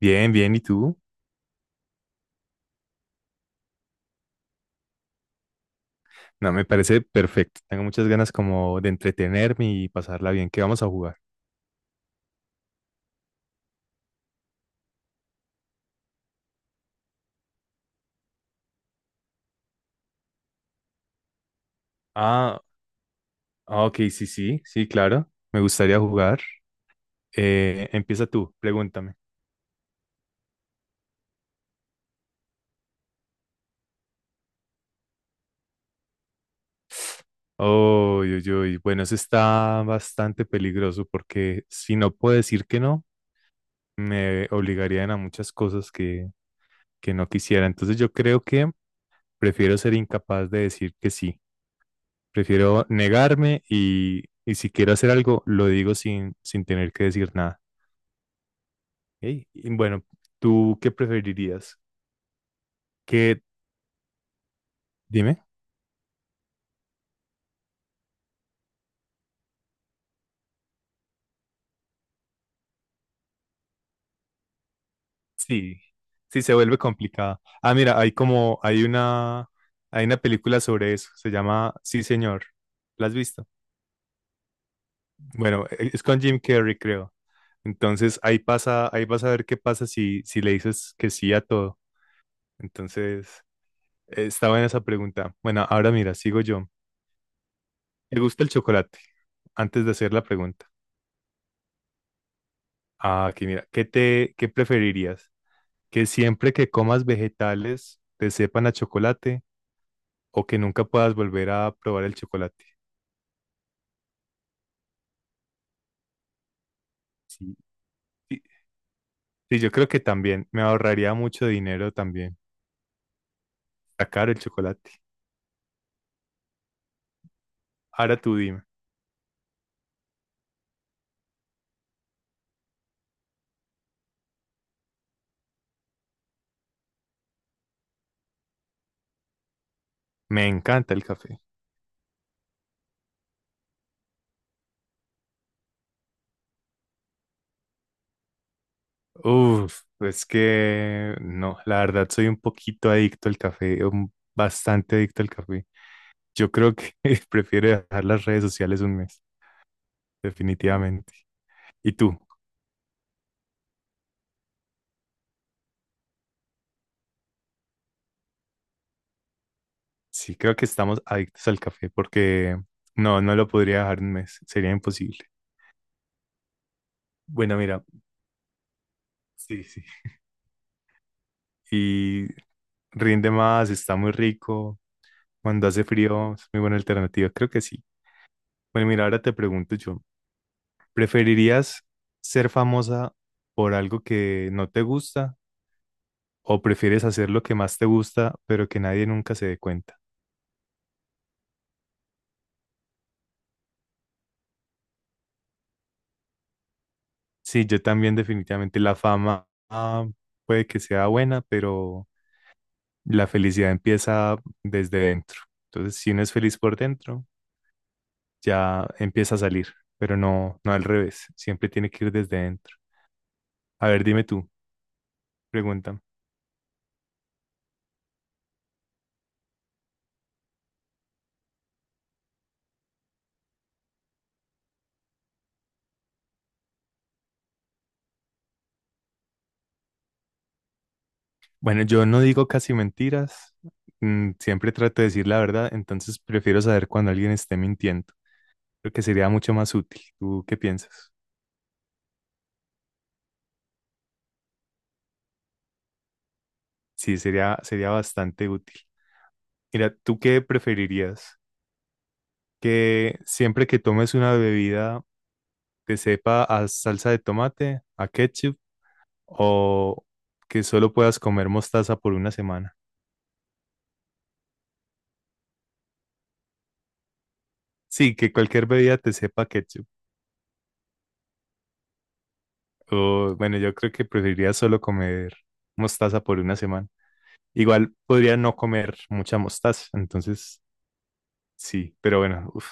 Bien, bien, ¿y tú? No, me parece perfecto. Tengo muchas ganas como de entretenerme y pasarla bien. ¿Qué vamos a jugar? Ah, ah, ok, sí, sí, sí, claro. Me gustaría jugar. Empieza tú, pregúntame. Oh, uy, uy, uy. Bueno, eso está bastante peligroso porque si no puedo decir que no, me obligarían a muchas cosas que no quisiera. Entonces yo creo que prefiero ser incapaz de decir que sí. Prefiero negarme y si quiero hacer algo, lo digo sin tener que decir nada. Ey, y bueno, ¿tú qué preferirías? ¿Qué? Dime. Sí, sí, se vuelve complicada. Ah, mira, hay una película sobre eso, se llama Sí, señor. ¿La has visto? Bueno, es con Jim Carrey, creo. Entonces ahí pasa, ahí vas a ver qué pasa si le dices que sí a todo. Entonces, está buena esa pregunta. Bueno, ahora mira, sigo yo. ¿Te gusta el chocolate? Antes de hacer la pregunta. Ah, aquí mira, ¿qué preferirías? ¿Que siempre que comas vegetales te sepan a chocolate o que nunca puedas volver a probar el chocolate? Sí, sí, sí, yo creo que también me ahorraría mucho dinero también. Está caro el chocolate. Ahora tú dime. Me encanta el café. Uf, es que no, la verdad soy un poquito adicto al café, bastante adicto al café. Yo creo que prefiero dejar las redes sociales un mes, definitivamente. ¿Y tú? Sí, creo que estamos adictos al café porque no, no lo podría dejar un mes, sería imposible. Bueno, mira, sí, sí. Y rinde más, está muy rico, cuando hace frío es muy buena alternativa, creo que sí. Bueno, mira, ahora te pregunto yo, ¿preferirías ser famosa por algo que no te gusta o prefieres hacer lo que más te gusta pero que nadie nunca se dé cuenta? Sí, yo también definitivamente la fama puede que sea buena, pero la felicidad empieza desde dentro. Entonces, si uno es feliz por dentro, ya empieza a salir, pero no, no al revés. Siempre tiene que ir desde dentro. A ver, dime tú, pregunta. Bueno, yo no digo casi mentiras. Siempre trato de decir la verdad, entonces prefiero saber cuando alguien esté mintiendo. Creo que sería mucho más útil. ¿Tú qué piensas? Sí, sería bastante útil. Mira, ¿tú qué preferirías? ¿Que siempre que tomes una bebida te sepa a salsa de tomate, a ketchup, o que solo puedas comer mostaza por una semana? Sí, que cualquier bebida te sepa ketchup. O bueno, yo creo que preferiría solo comer mostaza por una semana. Igual podría no comer mucha mostaza, entonces sí, pero bueno, uf.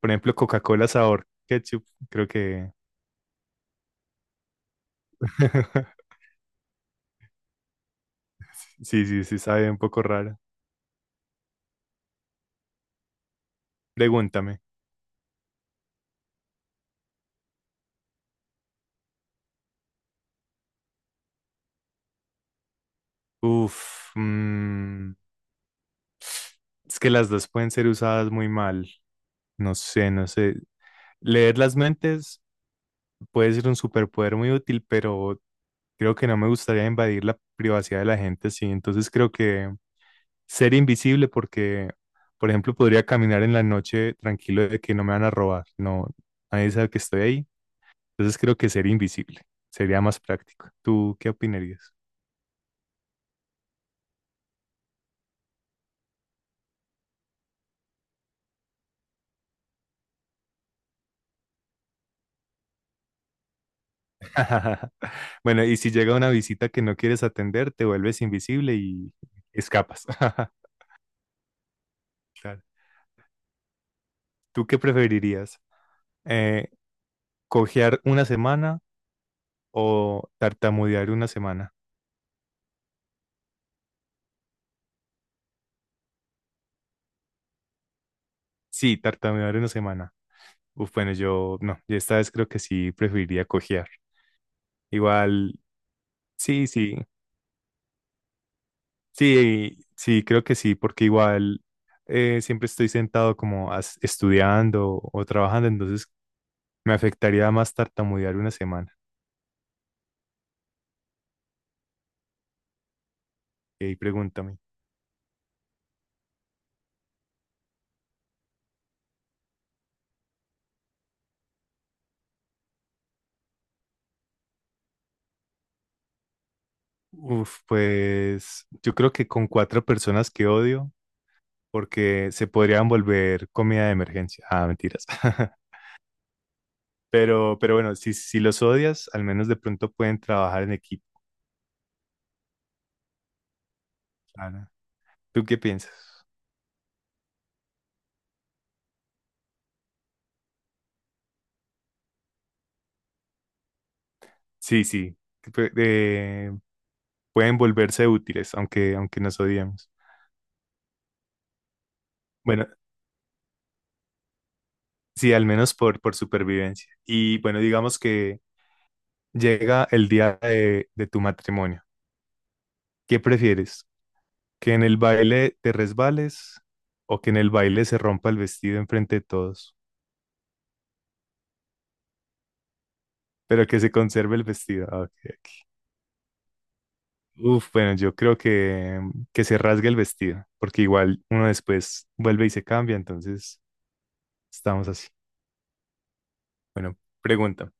Por ejemplo, Coca-Cola sabor ketchup, creo que sí, sí, sí sabe un poco raro. Pregúntame. Uf, es que las dos pueden ser usadas muy mal. No sé, no sé. Leer las mentes puede ser un superpoder muy útil, pero creo que no me gustaría invadir la privacidad de la gente, sí. Entonces creo que ser invisible porque, por ejemplo, podría caminar en la noche tranquilo de que no me van a robar. No, nadie sabe que estoy ahí. Entonces creo que ser invisible sería más práctico. ¿Tú qué opinarías? Bueno, y si llega una visita que no quieres atender, te vuelves invisible y escapas. Claro. ¿Tú qué preferirías? Eh, ¿cojear una semana o tartamudear una semana? Sí, tartamudear una semana. Uf, bueno, yo no, yo esta vez creo que sí preferiría cojear. Igual, sí, sí, sí, sí, creo que sí, porque igual siempre estoy sentado como estudiando o trabajando, entonces me afectaría más tartamudear una semana. Y ahí pregúntame. Uf, pues yo creo que con cuatro personas que odio, porque se podrían volver comida de emergencia. Ah, mentiras. Pero bueno, si los odias, al menos de pronto pueden trabajar en equipo. Ana. ¿Tú qué piensas? Sí, sí, que pueden volverse útiles, aunque nos odiemos. Bueno, sí, al menos por supervivencia. Y bueno, digamos que llega el día de tu matrimonio. ¿Qué prefieres? ¿Que en el baile te resbales o que en el baile se rompa el vestido enfrente de todos? Pero que se conserve el vestido. Ah, ok. Uf, bueno, yo creo que se rasgue el vestido, porque igual uno después vuelve y se cambia, entonces estamos así. Bueno, pregunta.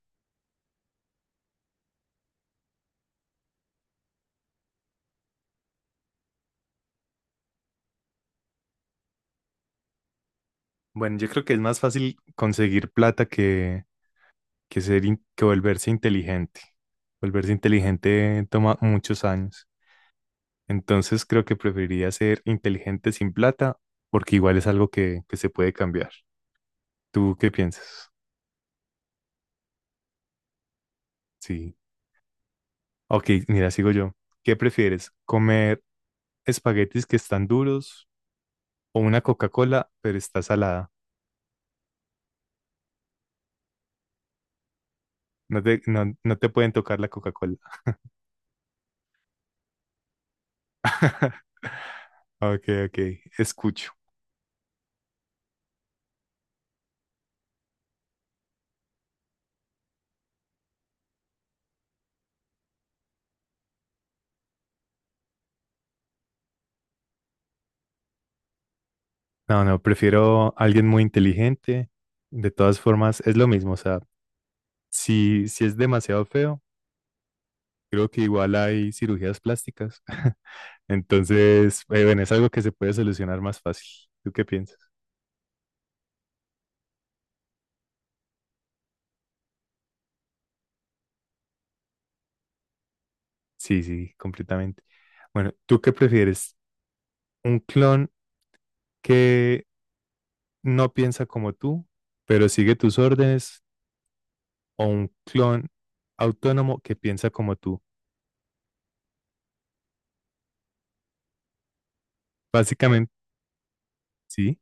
Bueno, yo creo que es más fácil conseguir plata que volverse inteligente. Volverse inteligente toma muchos años. Entonces creo que preferiría ser inteligente sin plata, porque igual es algo que se puede cambiar. ¿Tú qué piensas? Sí. Ok, mira, sigo yo. ¿Qué prefieres? ¿Comer espaguetis que están duros o una Coca-Cola, pero está salada? No te pueden tocar la Coca-Cola. Ok, ok, escucho. No, no, prefiero alguien muy inteligente. De todas formas, es lo mismo. O sea, si es demasiado feo, creo que igual hay cirugías plásticas. Entonces, bueno, es algo que se puede solucionar más fácil. ¿Tú qué piensas? Sí, sí, completamente. Bueno, ¿tú qué prefieres? ¿Un clon que no piensa como tú pero sigue tus órdenes, o un clon autónomo que piensa como tú? Básicamente, sí.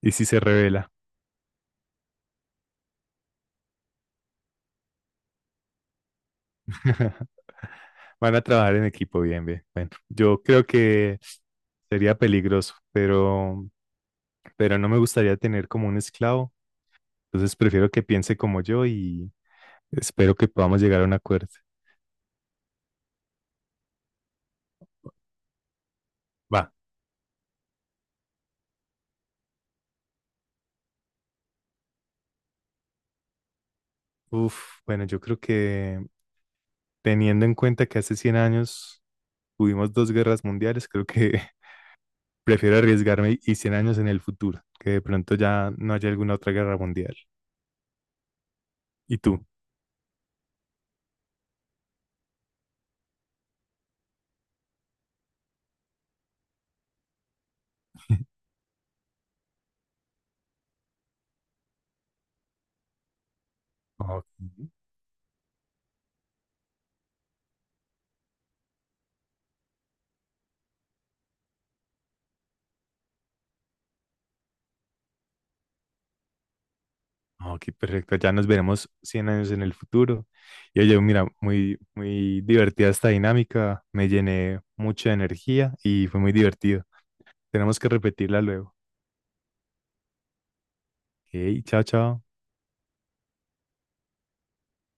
Y si se revela, van a trabajar en equipo bien, bien. Bueno, yo creo que sería peligroso, pero no me gustaría tener como un esclavo. Entonces prefiero que piense como yo y espero que podamos llegar a un acuerdo. Va. Uf, bueno, yo creo que teniendo en cuenta que hace 100 años tuvimos dos guerras mundiales, creo que prefiero arriesgarme y 100 años en el futuro, que de pronto ya no haya alguna otra guerra mundial. ¿Y tú? Ok, ok, perfecto. Ya nos veremos 100 años en el futuro. Y oye, mira, muy, muy divertida esta dinámica. Me llené mucha energía y fue muy divertido. Tenemos que repetirla luego. Ok, chao, chao.